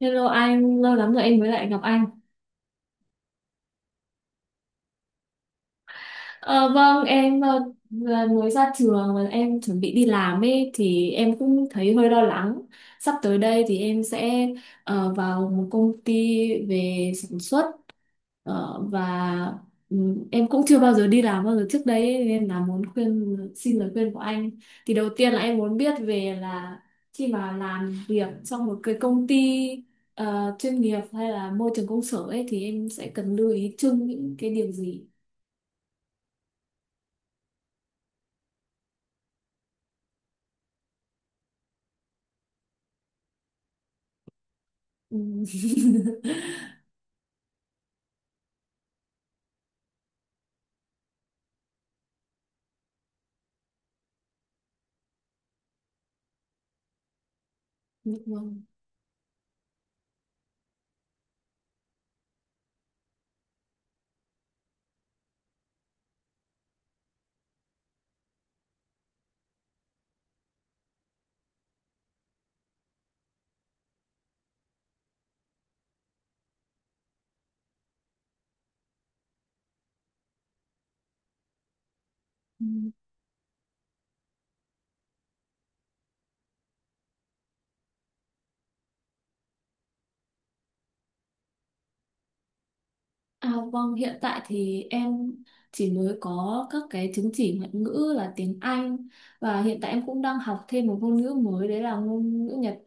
Hello anh, lâu lắm rồi em mới lại gặp anh. Ờ, vâng, em vừa mới ra trường và em chuẩn bị đi làm ấy thì em cũng thấy hơi lo lắng. Sắp tới đây thì em sẽ vào một công ty về sản xuất. Ờ, và Em cũng chưa bao giờ đi làm bao giờ trước đấy ấy, nên là muốn khuyên xin lời khuyên của anh thì đầu tiên là em muốn biết về là khi mà làm việc trong một cái công ty chuyên nghiệp hay là môi trường công sở ấy thì em sẽ cần lưu ý chung những cái điều gì? Ừm. Vâng. Ừm. À, vâng, hiện tại thì em chỉ mới có các cái chứng chỉ ngoại ngữ là tiếng Anh, và hiện tại em cũng đang học thêm một ngôn ngữ mới đấy là ngôn ngữ Nhật,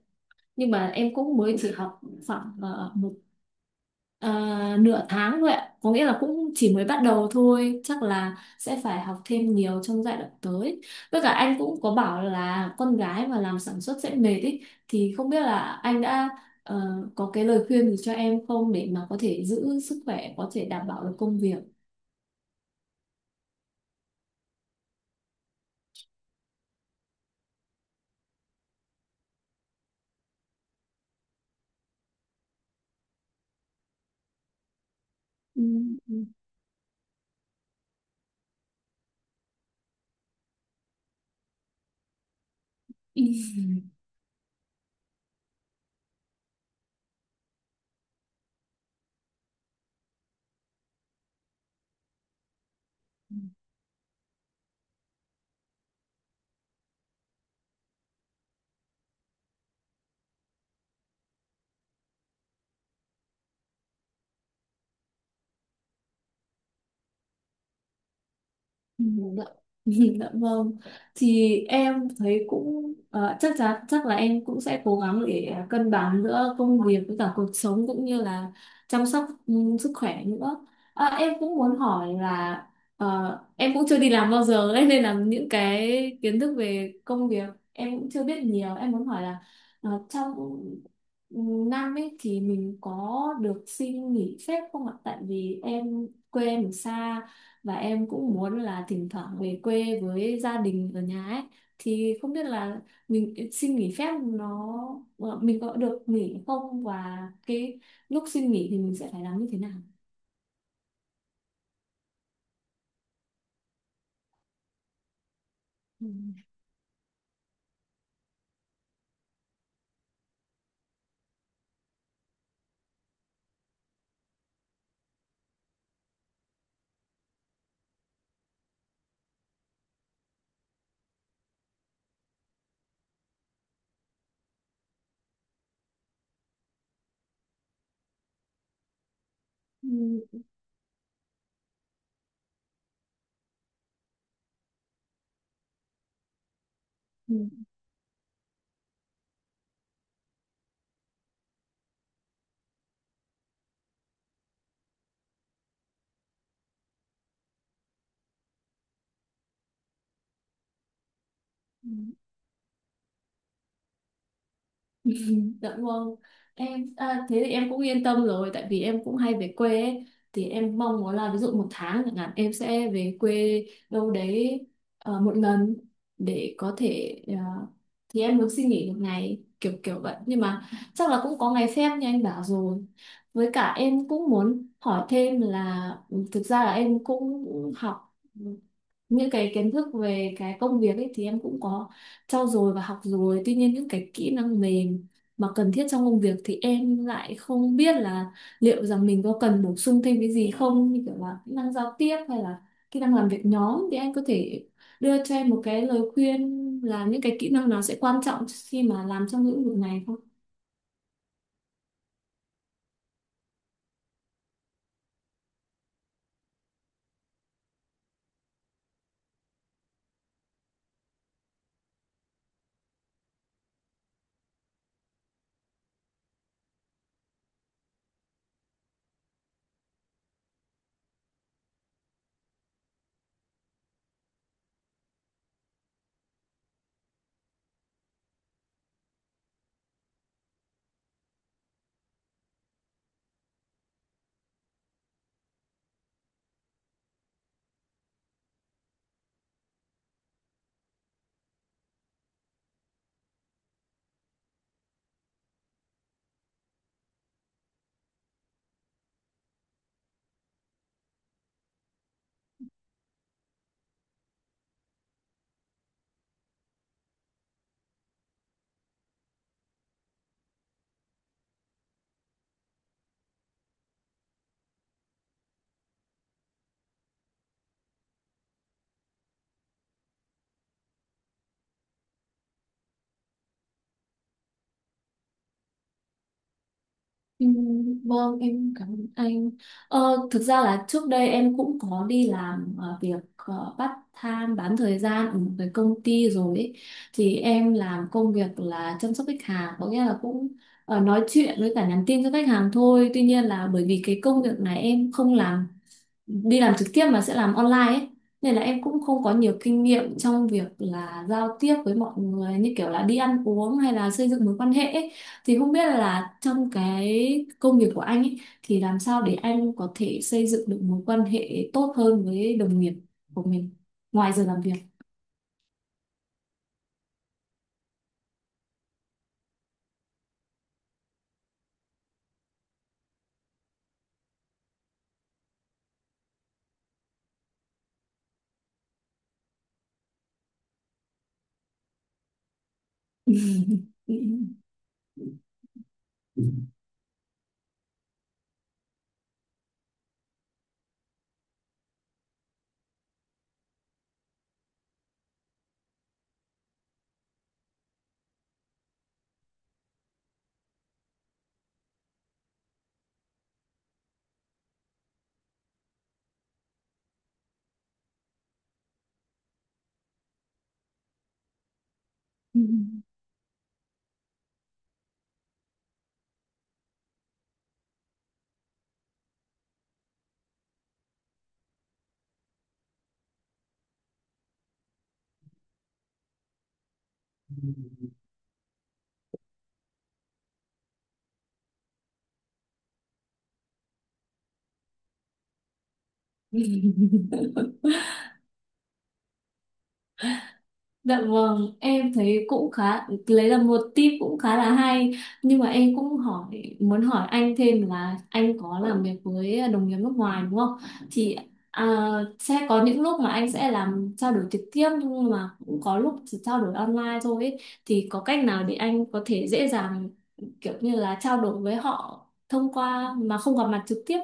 nhưng mà em cũng mới chỉ học khoảng một ờ, nửa tháng thôi ạ, có nghĩa là cũng chỉ mới bắt đầu thôi, chắc là sẽ phải học thêm nhiều trong giai đoạn tới. Với cả anh cũng có bảo là con gái mà làm sản xuất sẽ mệt ý, thì không biết là anh đã ờ, có cái lời khuyên gì cho em không để mà có thể giữ sức khỏe, có thể đảm bảo được công việc? Ừ. Ừ. Ừ. Dạ. Dạ vâng, thì em thấy cũng chắc là em cũng sẽ cố gắng để cân bằng giữa công việc với cả cuộc sống, cũng như là chăm sóc sức khỏe nữa. À, em cũng muốn hỏi là, em cũng chưa đi làm bao giờ ấy, nên là những cái kiến thức về công việc em cũng chưa biết nhiều. Em muốn hỏi là trong ừ, năm ấy thì mình có được xin nghỉ phép không ạ? Tại vì em quê em ở xa và em cũng muốn là thỉnh thoảng về quê với gia đình ở nhà ấy, thì không biết là mình xin nghỉ phép nó mình có được nghỉ không, và cái lúc xin nghỉ thì mình sẽ phải làm như thế nào? Ừ. Ừ. Ừ. Ừ. Dạ vâng, em à, thế thì em cũng yên tâm rồi tại vì em cũng hay về quê ấy. Thì em mong muốn là ví dụ một tháng chẳng hạn em sẽ về quê đâu đấy một lần để có thể thì em muốn xin nghỉ một ngày kiểu kiểu vậy, nhưng mà chắc là cũng có ngày phép như anh bảo rồi. Với cả em cũng muốn hỏi thêm là, thực ra là em cũng học những cái kiến thức về cái công việc ấy thì em cũng có trau dồi và học rồi, tuy nhiên những cái kỹ năng mềm mà cần thiết trong công việc thì em lại không biết là liệu rằng mình có cần bổ sung thêm cái gì không, như kiểu là kỹ năng giao tiếp hay là kỹ năng làm việc nhóm. Thì anh có thể đưa cho em một cái lời khuyên là những cái kỹ năng nào sẽ quan trọng khi mà làm trong lĩnh vực này không? Vâng, em cảm ơn anh. Ờ, thực ra là trước đây em cũng có đi làm việc part time, bán thời gian ở một cái công ty rồi ấy. Thì em làm công việc là chăm sóc khách hàng, có nghĩa là cũng nói chuyện với cả nhắn tin cho khách hàng thôi. Tuy nhiên là bởi vì cái công việc này em không làm đi làm trực tiếp mà sẽ làm online ấy, nên là em cũng không có nhiều kinh nghiệm trong việc là giao tiếp với mọi người như kiểu là đi ăn uống hay là xây dựng mối quan hệ ấy. Thì không biết là trong cái công việc của anh ấy thì làm sao để anh có thể xây dựng được mối quan hệ tốt hơn với đồng nghiệp của mình ngoài giờ làm việc? Dạ vâng, em thấy cũng khá lấy là một tip cũng khá là hay, nhưng mà em cũng muốn hỏi anh thêm là anh có làm việc với đồng nghiệp nước ngoài đúng không? Thì à, sẽ có những lúc mà anh sẽ làm trao đổi trực tiếp nhưng mà cũng có lúc chỉ trao đổi online thôi ấy. Thì có cách nào để anh có thể dễ dàng kiểu như là trao đổi với họ thông qua mà không gặp mặt trực tiếp?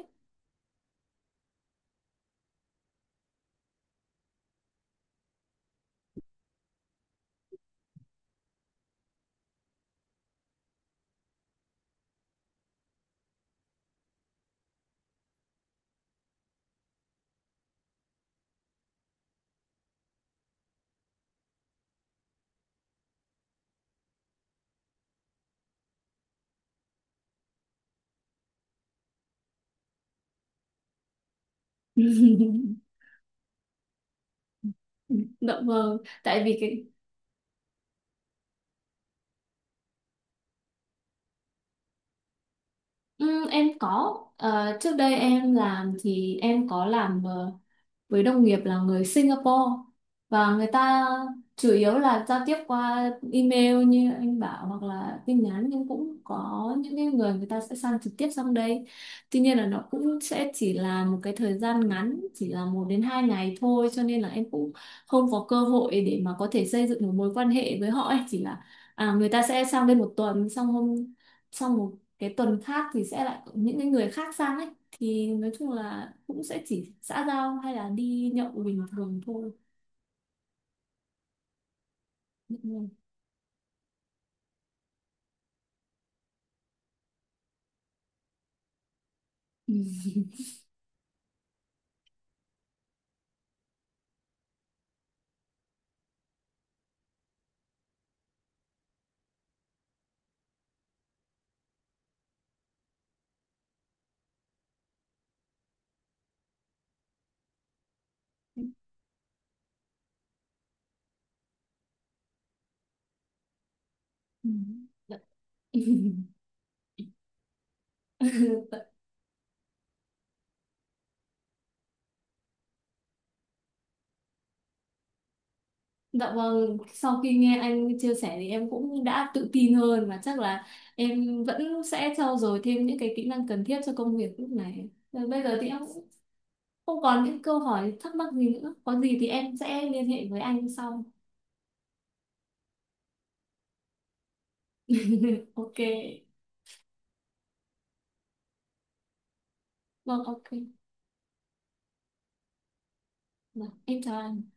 Dạ vâng, tại vì cái Ừ, em có. Ờ, trước đây em làm thì em có làm với đồng nghiệp là người Singapore, và người ta chủ yếu là giao tiếp qua email như anh bảo hoặc là tin nhắn, nhưng cũng có những cái người người ta sẽ sang trực tiếp sang đây, tuy nhiên là nó cũng sẽ chỉ là một cái thời gian ngắn, chỉ là 1 đến 2 ngày thôi, cho nên là em cũng không có cơ hội để mà có thể xây dựng một mối quan hệ với họ ấy. Chỉ là à, người ta sẽ sang đây một tuần, xong hôm xong một cái tuần khác thì sẽ lại có những cái người khác sang ấy, thì nói chung là cũng sẽ chỉ xã giao hay là đi nhậu bình thường thôi. Nhậu. Ừ. Dạ. Dạ vâng, sau khi nghe anh chia sẻ thì em cũng đã tự tin hơn, và chắc là em vẫn sẽ trau dồi thêm những cái kỹ năng cần thiết cho công việc lúc này. Và bây giờ thì em cũng không còn những câu hỏi thắc mắc gì nữa. Có gì thì em sẽ liên hệ với anh sau. Ok. Vâng, ok. Vâng, em chào anh.